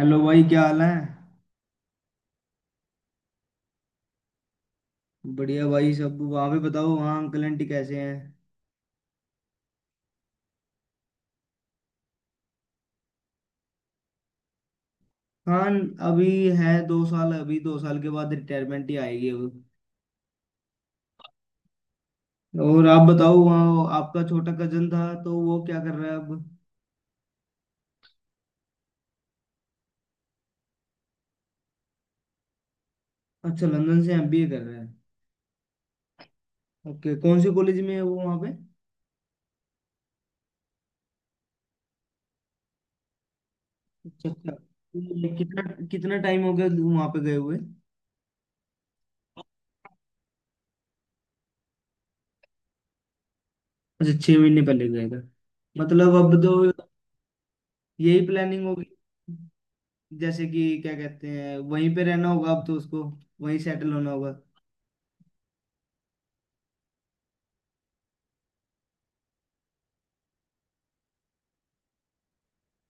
Hello भाई, क्या हाल है। बढ़िया भाई, सब वहाँ पे बताओ, वहाँ अंकल आंटी कैसे हैं। हाँ। अभी है 2 साल, अभी 2 साल के बाद रिटायरमेंट ही आएगी अब। और आप बताओ, वहाँ आपका छोटा कजन था तो वो क्या कर रहा है अब। अच्छा, लंदन से एमबीए कर रहा है। ओके, कौन से कॉलेज में है वो वहाँ पे। अच्छा अच्छा। ये कितना कितना टाइम हो गया वहाँ पे गए हुए। अच्छा, 6 महीने पहले गए थे, मतलब अब तो यही प्लानिंग होगी, जैसे कि क्या कहते हैं, वहीं पे रहना होगा अब तो उसको, वहीं सेटल होना होगा।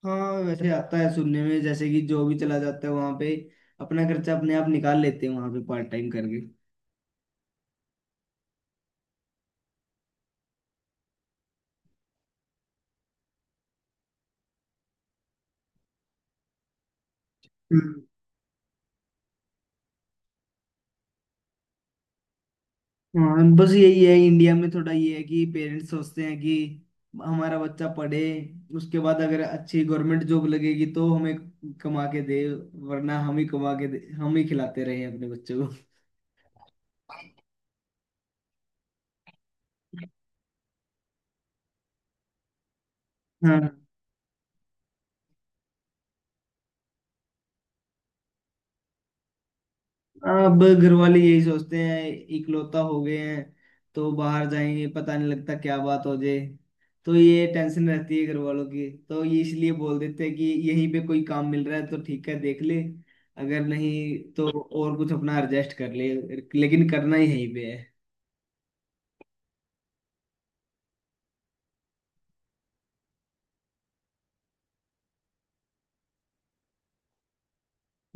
हाँ, वैसे आता है सुनने में, जैसे कि जो भी चला जाता है वहां पे अपना खर्चा अपने आप निकाल लेते हैं वहां पे पार्ट टाइम करके। हम्म। हाँ, बस यही है, इंडिया में थोड़ा ये है कि पेरेंट्स सोचते हैं कि हमारा बच्चा पढ़े, उसके बाद अगर अच्छी गवर्नमेंट जॉब लगेगी तो हमें कमा के दे, वरना हम ही कमा के दे, हम ही खिलाते रहे अपने बच्चों को। हाँ। अब घर वाले यही सोचते हैं, इकलौता हो गए हैं तो बाहर जाएंगे, पता नहीं लगता क्या बात हो जाए, तो ये टेंशन रहती है घर वालों की, तो ये इसलिए बोल देते हैं कि यहीं पे कोई काम मिल रहा है तो ठीक है देख ले, अगर नहीं तो और कुछ अपना एडजस्ट कर ले, लेकिन करना ही यहीं पे है।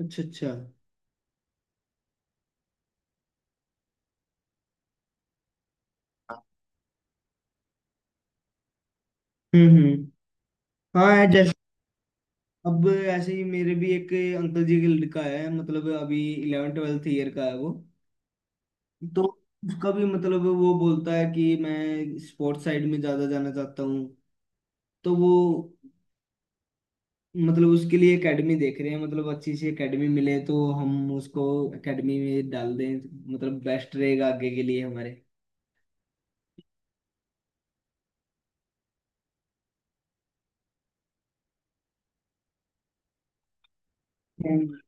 अच्छा अच्छा। हम्म। हाँ है, जैसे अब ऐसे ही मेरे भी एक अंकल जी का लड़का है, मतलब अभी इलेवन ट्वेल्थ ईयर का है वो, तो उसका भी वो बोलता है कि मैं स्पोर्ट्स साइड में ज्यादा जाना चाहता हूँ, तो वो मतलब उसके लिए एकेडमी देख रहे हैं, मतलब अच्छी सी एकेडमी मिले तो हम उसको एकेडमी में डाल दें, मतलब बेस्ट रहेगा आगे के लिए हमारे। हम्म,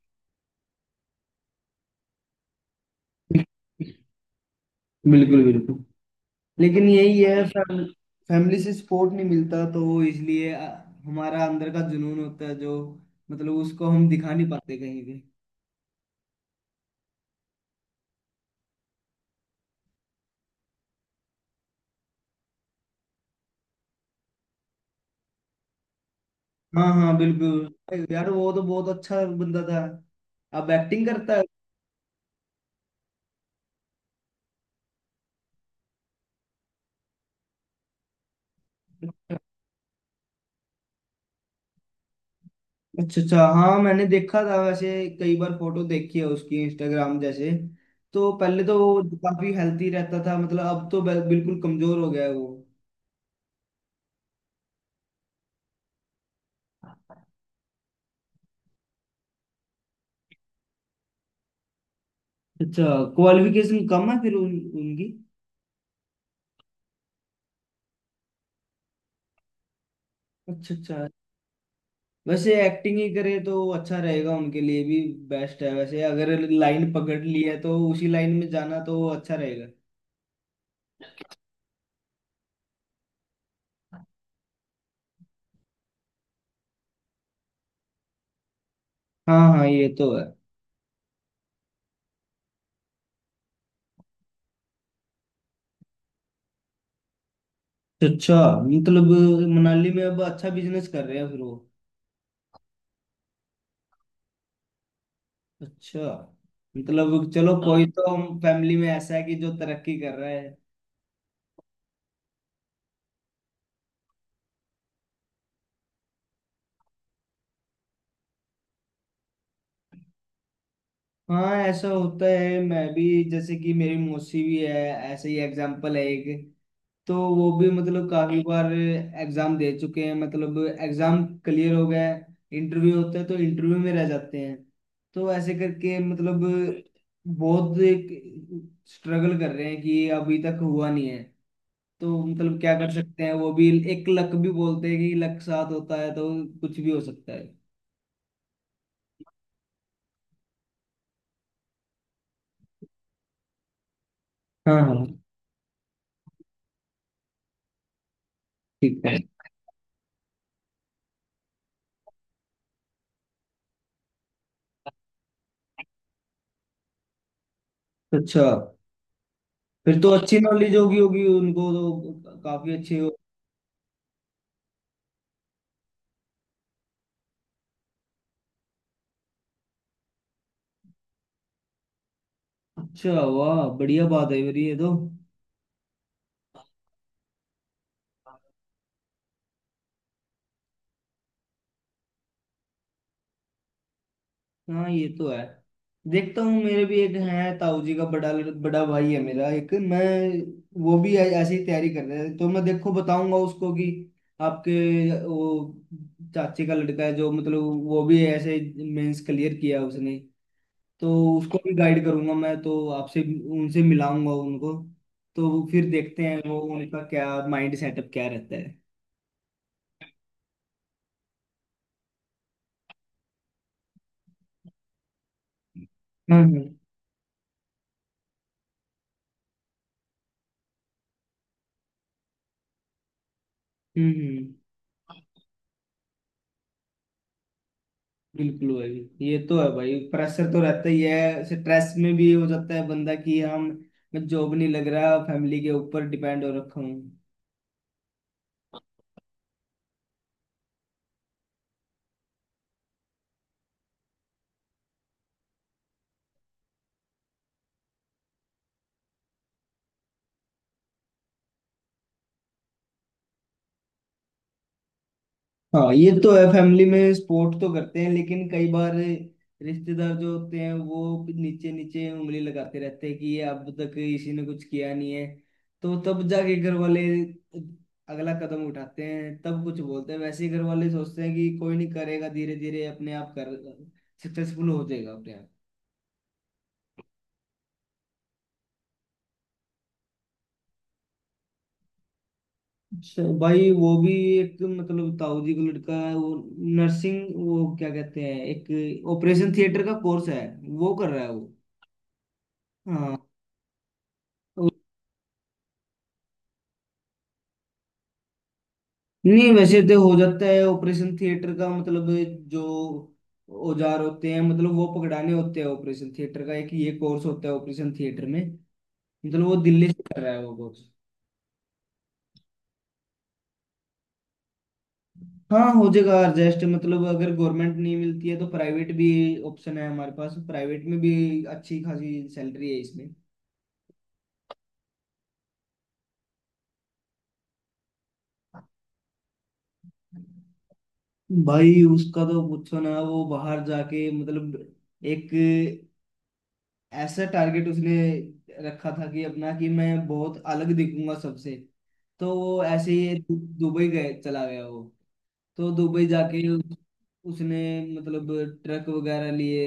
बिल्कुल बिल्कुल। लेकिन यही है, फैमिली से सपोर्ट नहीं मिलता तो इसलिए हमारा अंदर का जुनून होता है जो, मतलब उसको हम दिखा नहीं पाते कहीं। हाँ हाँ, बिल्कुल यार, वो तो बहुत अच्छा बंदा था, अब एक्टिंग करता है। अच्छा अच्छा, हाँ मैंने देखा था वैसे, कई बार फोटो देखी है उसकी इंस्टाग्राम जैसे, तो पहले तो वो काफी हेल्थी रहता था, मतलब अब तो बिल्कुल कमजोर हो गया है वो। अच्छा, क्वालिफिकेशन कम है फिर उनकी। अच्छा अच्छा, वैसे एक्टिंग ही करे तो अच्छा रहेगा उनके लिए भी, बेस्ट है वैसे, अगर लाइन पकड़ ली है तो उसी लाइन में जाना तो अच्छा रहेगा। हाँ हाँ, ये तो है। अच्छा, मतलब मनाली में अब अच्छा बिजनेस कर रहे हैं फिर वो। अच्छा, मतलब चलो, हाँ कोई तो हम फैमिली में ऐसा है कि जो तरक्की कर रहा है। हाँ ऐसा होता है, मैं भी जैसे कि मेरी मौसी भी है, ऐसे ही एग्जाम्पल है एक, तो वो भी मतलब काफी बार एग्जाम दे चुके हैं, मतलब एग्जाम क्लियर हो गया, इंटरव्यू होता है तो इंटरव्यू में रह जाते हैं, तो ऐसे करके मतलब बहुत स्ट्रगल कर रहे हैं कि अभी तक हुआ नहीं है, तो मतलब क्या कर सकते हैं, वो भी एक लक भी बोलते हैं कि लक साथ होता है तो कुछ भी हो सकता है। हाँ हाँ। ठीक है। अच्छा, फिर तो अच्छी नॉलेज होगी, होगी उनको तो काफी अच्छे हो। अच्छा वाह, बढ़िया बात है मेरी ये तो। हाँ ये तो है, देखता हूँ मेरे भी एक है ताऊ जी का बड़ा, बड़ा भाई है मेरा एक, मैं वो भी ऐसे ही तैयारी कर रहे हैं, तो मैं देखो बताऊंगा उसको कि आपके वो चाची का लड़का है जो, मतलब वो भी ऐसे मेंस क्लियर किया उसने, तो उसको भी गाइड करूंगा मैं, तो आपसे उनसे मिलाऊंगा उनको, तो फिर देखते हैं वो उनका क्या माइंड सेटअप क्या रहता है। हम्म हम्म। हम्म। बिल्कुल भाई, ये तो है भाई, प्रेशर तो रहता ही है, स्ट्रेस में भी हो जाता है बंदा कि हम, मैं जॉब नहीं लग रहा, फैमिली के ऊपर डिपेंड हो रखा हूँ। हाँ ये तो है, फैमिली में सपोर्ट तो करते हैं, लेकिन कई बार रिश्तेदार जो होते हैं वो नीचे नीचे उंगली लगाते रहते हैं कि ये अब तक इसी ने कुछ किया नहीं है, तो तब जाके घर वाले अगला कदम उठाते हैं, तब कुछ बोलते हैं, वैसे ही घर वाले सोचते हैं कि कोई नहीं करेगा, धीरे धीरे अपने आप कर सक्सेसफुल हो जाएगा अपने आप। अच्छा भाई, वो भी एक मतलब ताऊ जी का लड़का है वो, नर्सिंग वो क्या कहते हैं, एक ऑपरेशन थिएटर का कोर्स है वो कर रहा है वो। हाँ। नहीं वैसे तो हो जाता है, ऑपरेशन थिएटर का मतलब जो औजार होते हैं, मतलब वो पकड़ाने होते हैं, ऑपरेशन थिएटर का एक ये कोर्स होता है ऑपरेशन थिएटर में, मतलब वो दिल्ली से कर रहा है वो कोर्स। हाँ हो जाएगा एडजस्ट, मतलब अगर गवर्नमेंट नहीं मिलती है तो प्राइवेट भी ऑप्शन है हमारे पास, प्राइवेट में भी अच्छी खासी सैलरी है इसमें। भाई उसका तो पूछो ना, वो बाहर जाके मतलब एक ऐसा टारगेट उसने रखा था कि अपना, कि मैं बहुत अलग दिखूंगा सबसे, तो वो ऐसे ही दुबई गए, चला गया वो। तो दुबई जाके उसने मतलब ट्रक वगैरह लिए,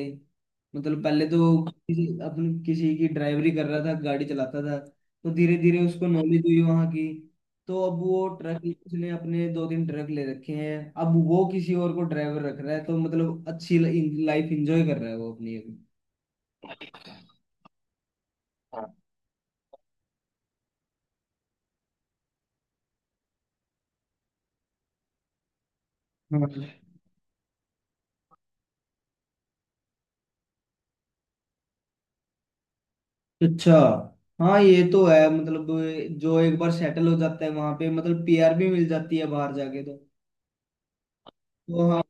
मतलब पहले तो किसी अपने किसी की ड्राइवरी कर रहा था, गाड़ी चलाता था, तो धीरे धीरे उसको नॉलेज हुई वहाँ की, तो अब वो ट्रक, उसने अपने 2-3 ट्रक ले रखे हैं, अब वो किसी और को ड्राइवर रख रहा है, तो मतलब अच्छी लाइफ इंजॉय कर रहा है वो अपनी। अभी। हाँ। अच्छा हाँ ये तो है, मतलब जो एक बार सेटल हो जाता है वहां पे, मतलब पीआर भी मिल जाती है बाहर जाके तो। तो हाँ।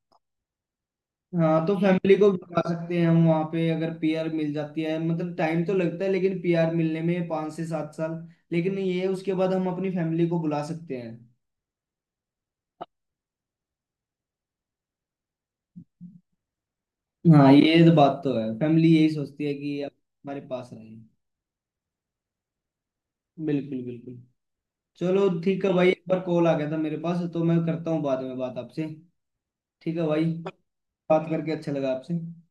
हाँ तो फैमिली को बता सकते हैं हम, वहाँ पे अगर पीआर मिल जाती है, मतलब टाइम तो लगता है लेकिन, पीआर मिलने में 5 से 7 साल, लेकिन ये उसके बाद हम अपनी फैमिली को बुला सकते हैं। हाँ ये तो बात तो है, फैमिली यही सोचती है कि आप हमारे पास रहे। बिल्कुल बिल्कुल। चलो ठीक है भाई, एक बार कॉल आ गया था मेरे पास, तो मैं करता हूँ बाद में बात आपसे। ठीक है भाई, बात करके अच्छा लगा आपसे।